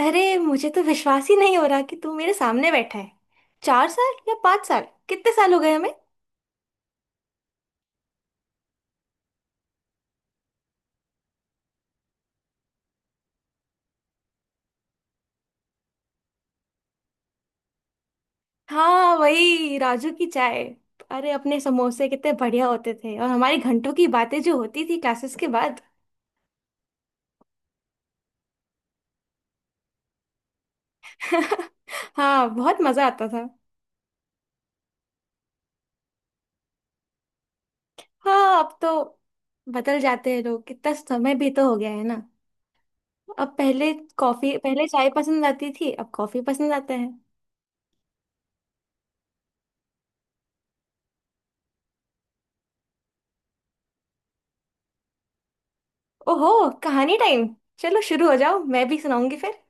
अरे, मुझे तो विश्वास ही नहीं हो रहा कि तू मेरे सामने बैठा है। 4 साल या 5 साल। कितने साल हो गए हमें। हाँ, वही राजू की चाय। अरे, अपने समोसे कितने बढ़िया होते थे और हमारी घंटों की बातें जो होती थी क्लासेस के बाद। हाँ, बहुत मजा आता था। हाँ, अब तो बदल जाते हैं लोग। कितना समय भी तो हो गया है ना। अब पहले कॉफी, पहले चाय पसंद आती थी, अब कॉफी पसंद आता है। ओहो, कहानी टाइम। चलो शुरू हो जाओ, मैं भी सुनाऊंगी फिर।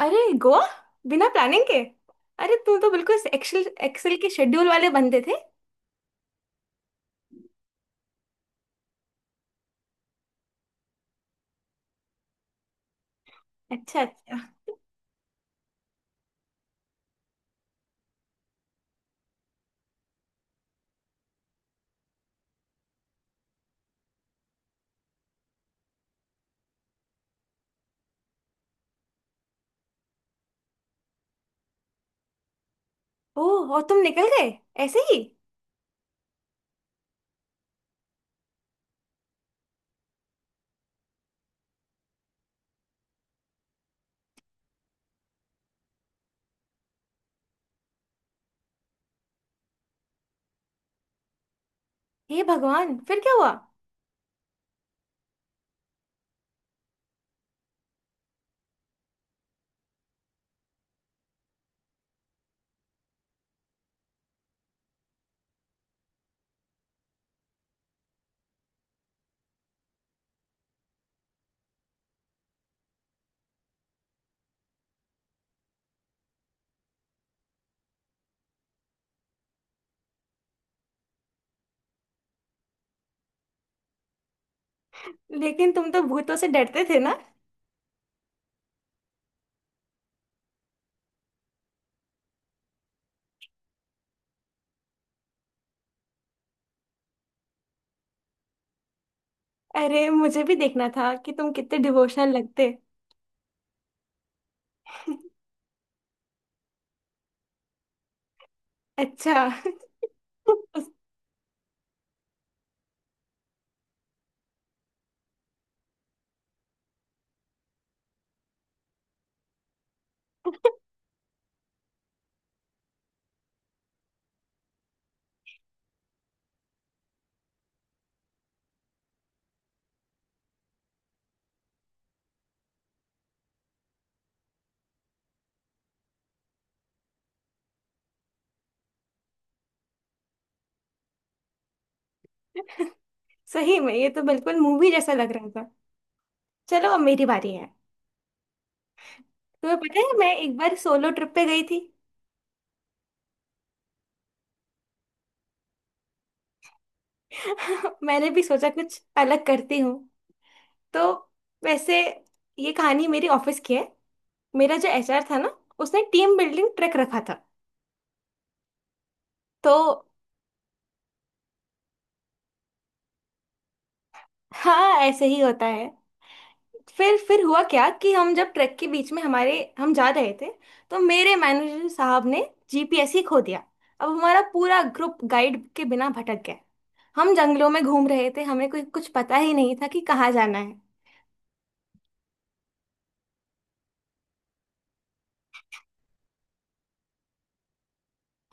अरे, गोवा, बिना प्लानिंग के। अरे, तू तो बिल्कुल एक्सेल एक्सेल के शेड्यूल वाले बंदे थे। अच्छा, अच्छा। ओह, और तुम निकल गए ऐसे ही। हे भगवान, फिर क्या हुआ। लेकिन तुम तो भूतों से डरते थे ना। अरे, मुझे भी देखना था कि तुम कितने डिवोशनल लगते। अच्छा। सही में ये तो बिल्कुल मूवी जैसा लग रहा था। चलो, अब मेरी बारी है। तुम्हें पता है, मैं एक बार सोलो ट्रिप पे गई थी। मैंने भी सोचा कुछ अलग करती हूँ। तो, वैसे, ये कहानी मेरी ऑफिस की है। मेरा जो एचआर था ना, उसने टीम बिल्डिंग ट्रैक रखा था। तो हाँ, ऐसे ही होता है। फिर हुआ क्या कि हम जब ट्रैक के बीच में हमारे हम जा रहे थे, तो मेरे मैनेजर साहब ने जीपीएस ही खो दिया। अब हमारा पूरा ग्रुप गाइड के बिना भटक गया। हम जंगलों में घूम रहे थे, हमें कोई कुछ पता ही नहीं था कि कहाँ जाना है।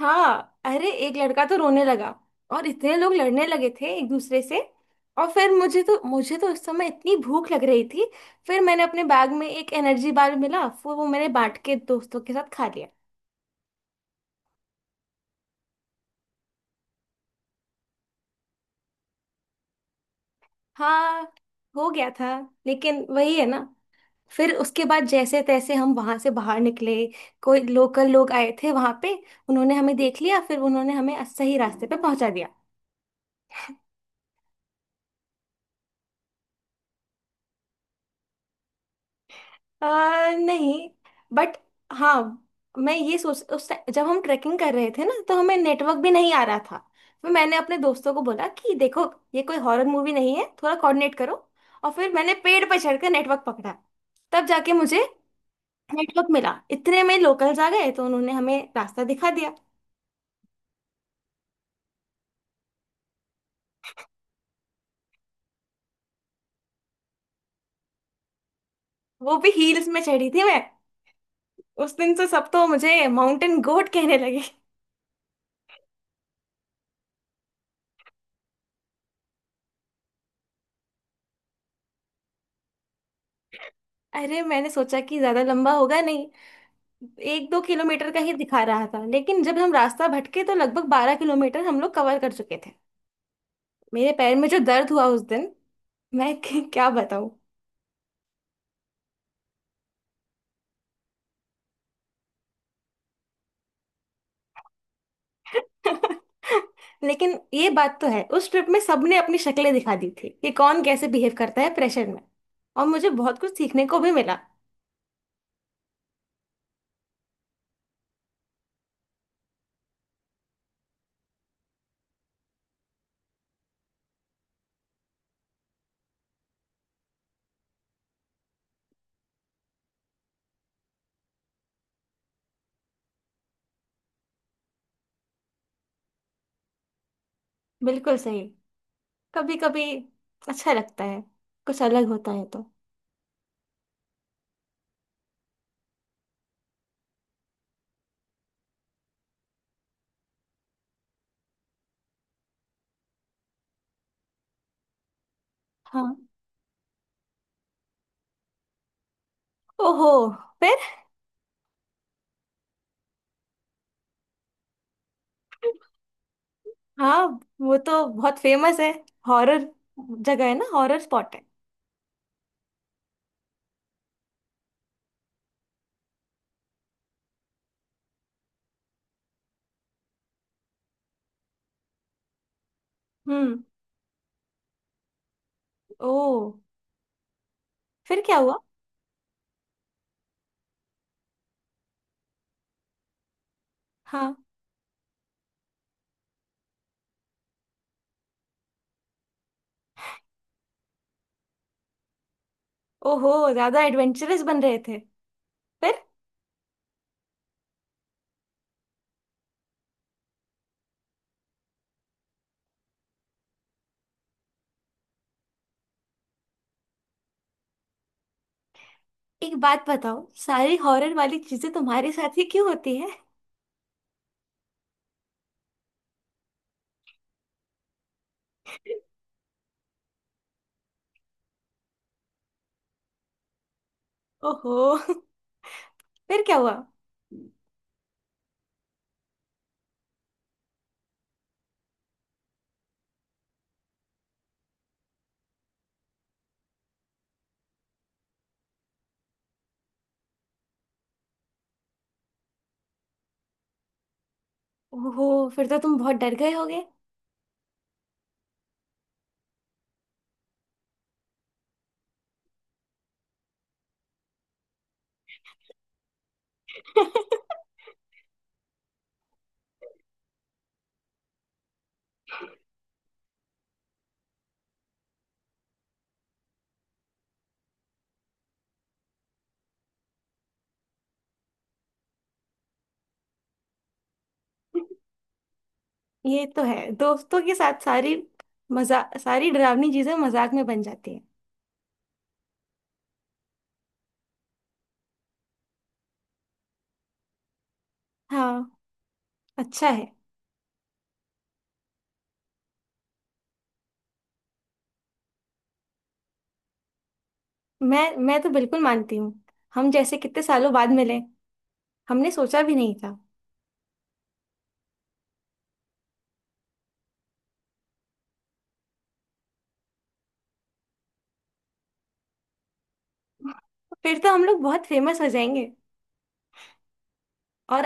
हाँ, अरे एक लड़का तो रोने लगा। और इतने लोग लड़ने लगे थे एक दूसरे से। और फिर मुझे तो उस समय इतनी भूख लग रही थी। फिर मैंने अपने बैग में एक एनर्जी बार मिला, फिर वो मैंने बांट के दोस्तों के साथ खा लिया। हाँ, हो गया था। लेकिन वही है ना। फिर उसके बाद जैसे तैसे हम वहां से बाहर निकले। कोई लोकल लोग आए थे वहां पे, उन्होंने हमें देख लिया, फिर उन्होंने हमें सही रास्ते पे पहुंचा दिया। नहीं। बट हाँ, मैं ये सोच उस टाइम जब हम ट्रैकिंग कर रहे थे ना, तो हमें नेटवर्क भी नहीं आ रहा था। फिर मैंने अपने दोस्तों को बोला कि देखो, ये कोई हॉरर मूवी नहीं है, थोड़ा कोऑर्डिनेट करो। और फिर मैंने पेड़ पर चढ़कर नेटवर्क पकड़ा। तब जाके मुझे नेटवर्क मिला, इतने में लोकल्स आ गए तो उन्होंने हमें रास्ता दिखा दिया। वो भी हील्स में चढ़ी थी मैं। उस दिन से सब तो मुझे माउंटेन गोट कहने लगे। अरे, मैंने सोचा कि ज्यादा लंबा होगा नहीं। 1-2 किलोमीटर का ही दिखा रहा था, लेकिन जब हम रास्ता भटके तो लगभग 12 किलोमीटर हम लोग कवर कर चुके थे। मेरे पैर में जो दर्द हुआ उस दिन, मैं क्या बताऊं। लेकिन ये बात तो है, उस ट्रिप में सबने अपनी शक्लें दिखा दी थी कि कौन कैसे बिहेव करता है प्रेशर में। और मुझे बहुत कुछ सीखने को भी मिला। बिल्कुल सही। कभी कभी अच्छा लगता है, कुछ अलग होता है तो। हाँ। ओहो, फिर। हाँ, वो तो बहुत फेमस है। हॉरर जगह है ना, हॉरर स्पॉट है। हम्म। ओ। फिर क्या हुआ। हाँ। ओहो, ज्यादा एडवेंचरस बन रहे थे। फिर। एक बात बताओ, सारी हॉरर वाली चीजें तुम्हारे साथ ही क्यों होती है। ओहो। फिर क्या हुआ। ओहो, फिर तो तुम बहुत डर गए होगे। ये तो है, दोस्तों के साथ सारी मजा सारी डरावनी चीजें मजाक में बन जाती हैं। हाँ। अच्छा है। मैं तो बिल्कुल मानती हूँ। हम जैसे कितने सालों बाद मिले, हमने सोचा भी नहीं था। फिर तो हम लोग बहुत फेमस हो जाएंगे। और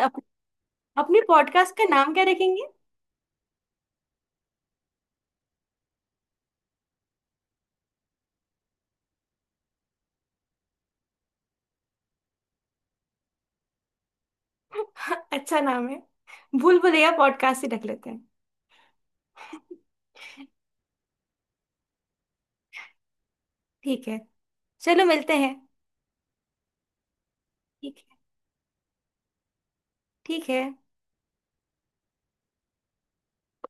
अपने पॉडकास्ट का नाम क्या रखेंगे। अच्छा नाम है। भूल भुलैया पॉडकास्ट ही रख लेते हैं। ठीक है। चलो मिलते हैं। ठीक है, ठीक है।